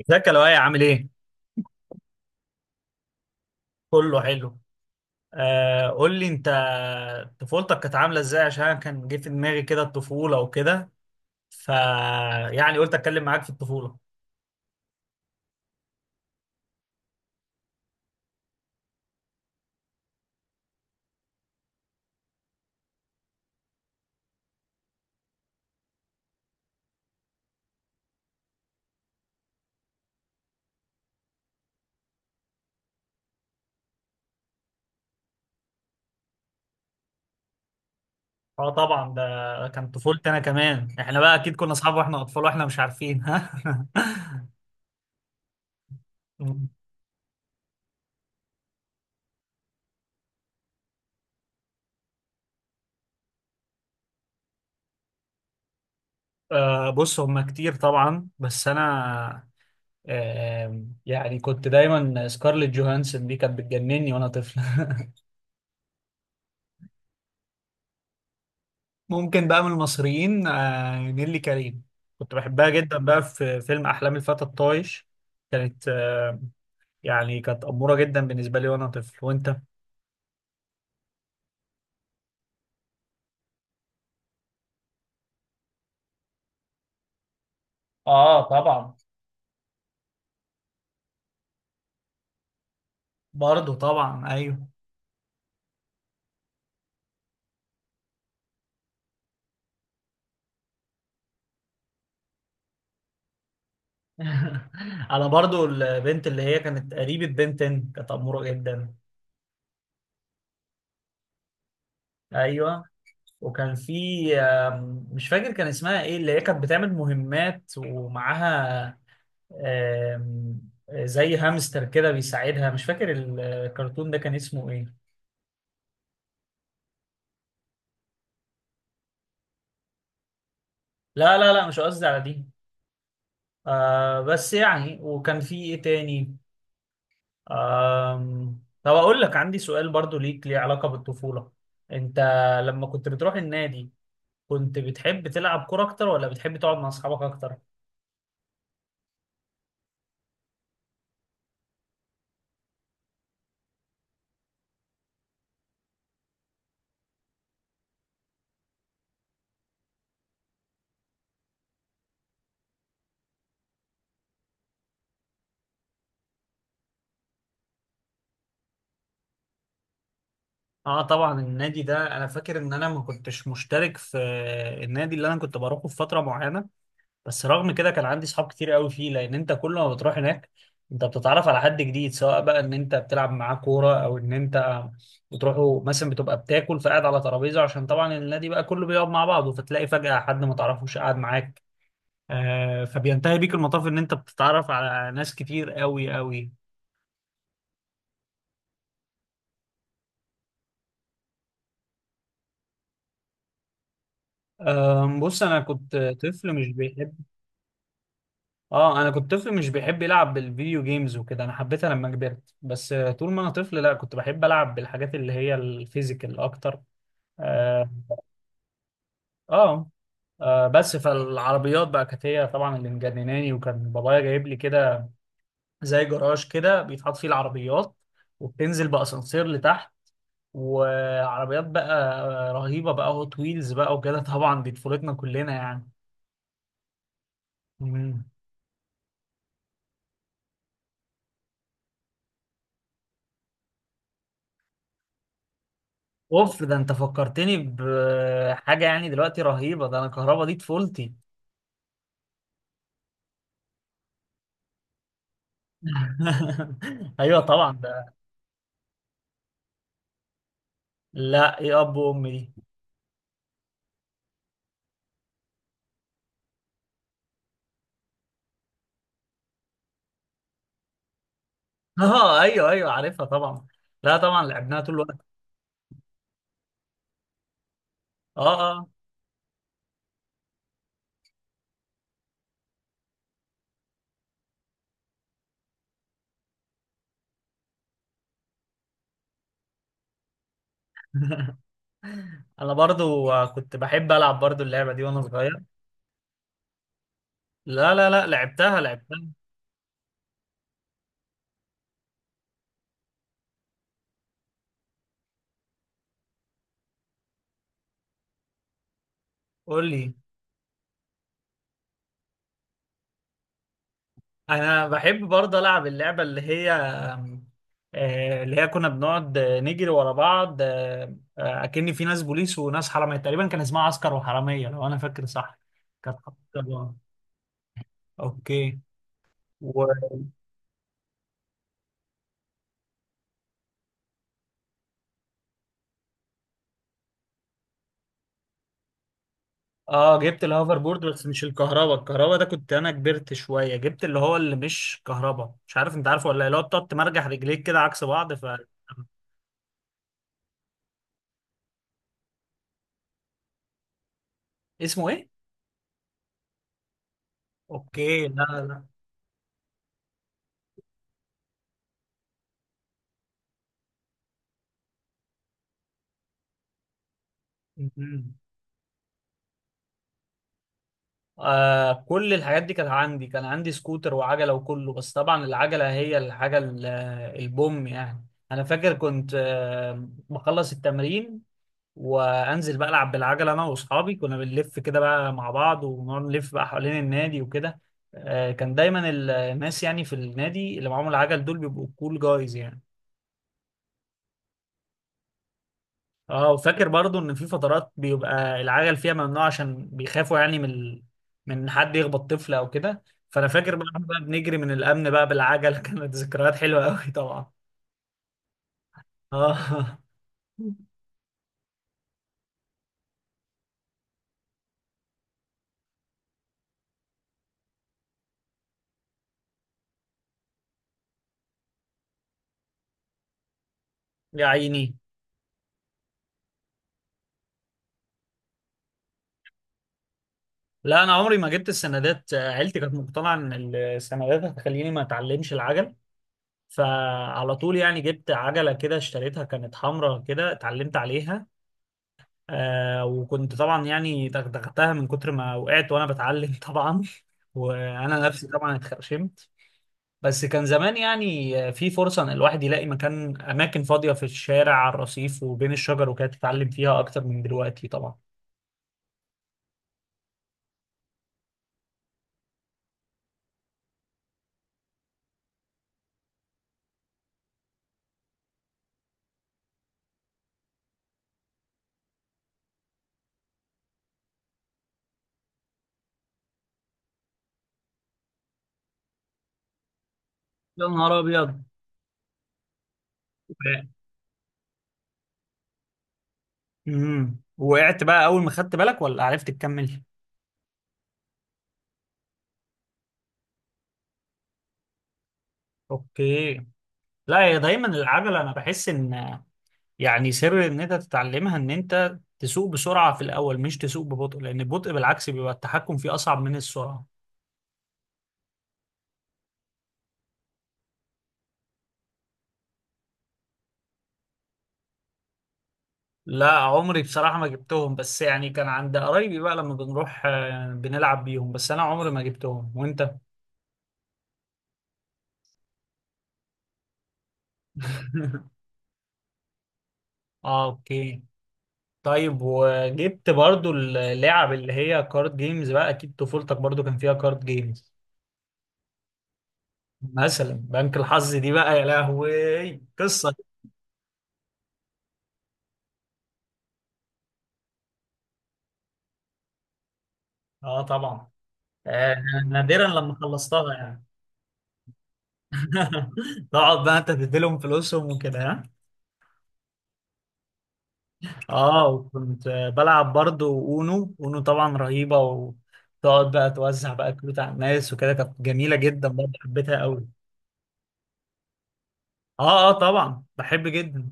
ازيك يا لؤي، عامل ايه؟ كله حلو. قول لي انت، طفولتك كانت عامله ازاي؟ عشان أنا كان جه في دماغي كده الطفوله وكده. ف يعني قلت اتكلم معاك في الطفوله. اه طبعا، ده كان طفولتي انا كمان، احنا بقى اكيد كنا اصحاب واحنا اطفال واحنا مش عارفين، ها؟ بص، هما كتير طبعا، بس انا، يعني كنت دايما سكارليت جوهانسون دي كانت بتجنني وانا طفل. ممكن بقى من المصريين، نيللي كريم، كنت بحبها جدا بقى في فيلم أحلام الفتى الطايش. كانت آه، يعني كانت أمورة جدا بالنسبة لي وأنا طفل. وأنت؟ اه طبعا. برضو طبعا، أيوه. أنا برضو البنت اللي هي كانت قريبة بنتن كانت أمورة جدا. أيوه، وكان في، مش فاكر كان اسمها إيه، اللي هي كانت بتعمل مهمات ومعاها آم، زي هامستر كده بيساعدها، مش فاكر الكرتون ده كان اسمه إيه. لا لا لا، مش قصدي على دي. بس يعني، وكان في ايه تاني؟ طب اقول لك، عندي سؤال برضو ليك ليه علاقة بالطفولة. انت لما كنت بتروح النادي، كنت بتحب تلعب كورة اكتر ولا بتحب تقعد مع اصحابك اكتر؟ اه طبعا، النادي ده انا فاكر ان انا ما كنتش مشترك في النادي اللي انا كنت بروحه في فترة معينة. بس رغم كده كان عندي صحاب كتير قوي فيه، لان انت كل ما بتروح هناك انت بتتعرف على حد جديد، سواء بقى ان انت بتلعب معاه كوره او ان انت بتروحوا مثلا، بتبقى بتاكل، فقاعد على ترابيزه، عشان طبعا النادي بقى كله بيقعد مع بعضه، فتلاقي فجاه حد ما تعرفوش قاعد معاك. فبينتهي بيك المطاف ان انت بتتعرف على ناس كتير قوي قوي. بص انا كنت، طفل مش بيحب اه انا كنت طفل مش بيحب يلعب بالفيديو جيمز وكده، انا حبيتها لما كبرت، بس طول ما انا طفل لا، كنت بحب العب بالحاجات اللي هي الفيزيكال اكتر. اه. آه. بس فالعربيات بقى كانت هي طبعا اللي مجنناني، وكان بابايا جايب لي كده زي جراج كده بيتحط فيه العربيات، وبتنزل بأسانسير لتحت، وعربيات بقى رهيبة بقى، هوت ويلز بقى وكده. طبعا دي طفولتنا كلنا يعني. مم. اوف، ده انت فكرتني بحاجة، يعني دلوقتي رهيبة، ده انا كهربا دي طفولتي. ايوه طبعا، ده. لا، ايه اب وام دي؟ اه ايوه ايوه، عارفها طبعا. لا طبعا لعبناها طول الوقت. اه اه. انا برضو كنت بحب العب برضو اللعبه دي وانا صغير. لا لا لا، لعبتها لعبتها. قول لي. انا بحب برضو العب اللعبه اللي هي اللي هي كنا بنقعد نجري ورا بعض، اكن في ناس بوليس وناس حراميه، تقريبا كان اسمها عسكر وحراميه لو انا فاكر صح. كانت، طبعا، اوكي. و... اه جبت الهوفر بورد، بس مش الكهرباء. الكهرباء ده كنت انا كبرت شويه، جبت اللي هو اللي مش كهرباء، مش عارف انت عارفه ولا لا، اللي هو بتقعد تمرجح رجليك كده عكس بعض. اسمه ايه؟ اوكي لا لا لا. م-م. كل الحاجات دي كانت عندي، كان عندي سكوتر وعجلة وكله، بس طبعا العجلة هي الحاجة البوم يعني. انا فاكر كنت بخلص التمرين وانزل بقى العب بالعجلة، انا واصحابي كنا بنلف كده بقى مع بعض، ونقعد نلف بقى حوالين النادي وكده. كان دايما الناس يعني في النادي اللي معاهم العجل دول بيبقوا كول جايز يعني. اه، وفاكر برضو ان في فترات بيبقى العجل فيها ممنوع، عشان بيخافوا يعني من من حد يخبط طفل او كده. فانا فاكر بقى إحنا بقى بنجري من الامن بقى بالعجل. كانت ذكريات حلوه قوي طبعا. اه. يا عيني. لا انا عمري ما جبت السندات، عيلتي كانت مقتنعه ان السندات هتخليني ما اتعلمش العجل، فعلى طول يعني جبت عجله كده، اشتريتها كانت حمراء كده، اتعلمت عليها. وكنت طبعا يعني دغدغتها من كتر ما وقعت وانا بتعلم، طبعا، وانا نفسي طبعا اتخرشمت. بس كان زمان يعني، في فرصه ان الواحد يلاقي مكان، اماكن فاضيه في الشارع على الرصيف وبين الشجر وكده، تتعلم فيها اكتر من دلوقتي طبعا. يا نهار ابيض. وقعت بقى اول ما خدت بالك ولا عرفت تكمل؟ اوكي. لا هي دايما العجله انا بحس ان، يعني سر ان انت تتعلمها ان انت تسوق بسرعة في الاول، مش تسوق ببطء، لان البطء بالعكس بيبقى التحكم فيه اصعب من السرعة. لا عمري بصراحة ما جبتهم، بس يعني كان عند قرايبي بقى لما بنروح بنلعب بيهم، بس انا عمري ما جبتهم. وانت؟ اه اوكي. طيب، وجبت برضو اللعب اللي هي كارد جيمز بقى، اكيد طفولتك برضو كان فيها كارد جيمز. مثلا بنك الحظ دي بقى، يا لهوي، قصة. اه طبعا. آه نادرا لما خلصتها يعني. تقعد بقى انت تديلهم فلوسهم وكده، ها. اه، وكنت بلعب برضه اونو، اونو طبعا رهيبة، وتقعد بقى توزع بقى كروت على الناس وكده، كانت جميلة جدا برضه، حبيتها قوي. اه اه، طبعا بحب جدا.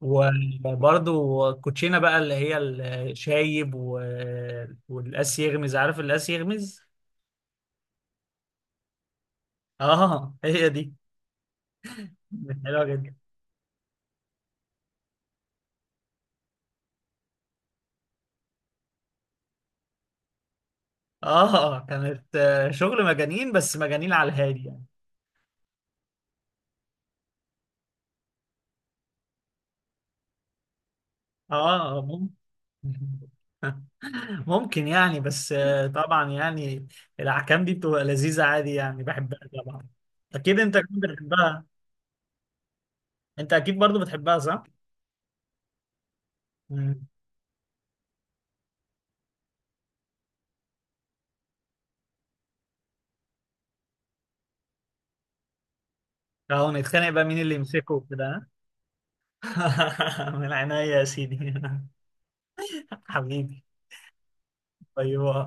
وبرضه كوتشينة بقى اللي هي الشايب والقاس يغمز، عارف القاس يغمز؟ اه هي دي. حلوة جدا. اه كانت، شغل مجانين، بس مجانين على الهادي يعني. اه. ممكن يعني، بس طبعا يعني الاحكام دي بتبقى لذيذه عادي يعني، بحبها طبعا. اكيد انت كنت بتحبها. انت اكيد برضو بتحبها، صح؟ مم. اهو نتخانق بقى مين اللي يمسكه وكده. ها؟ من عينيا يا سيدي. حبيبي. طيب.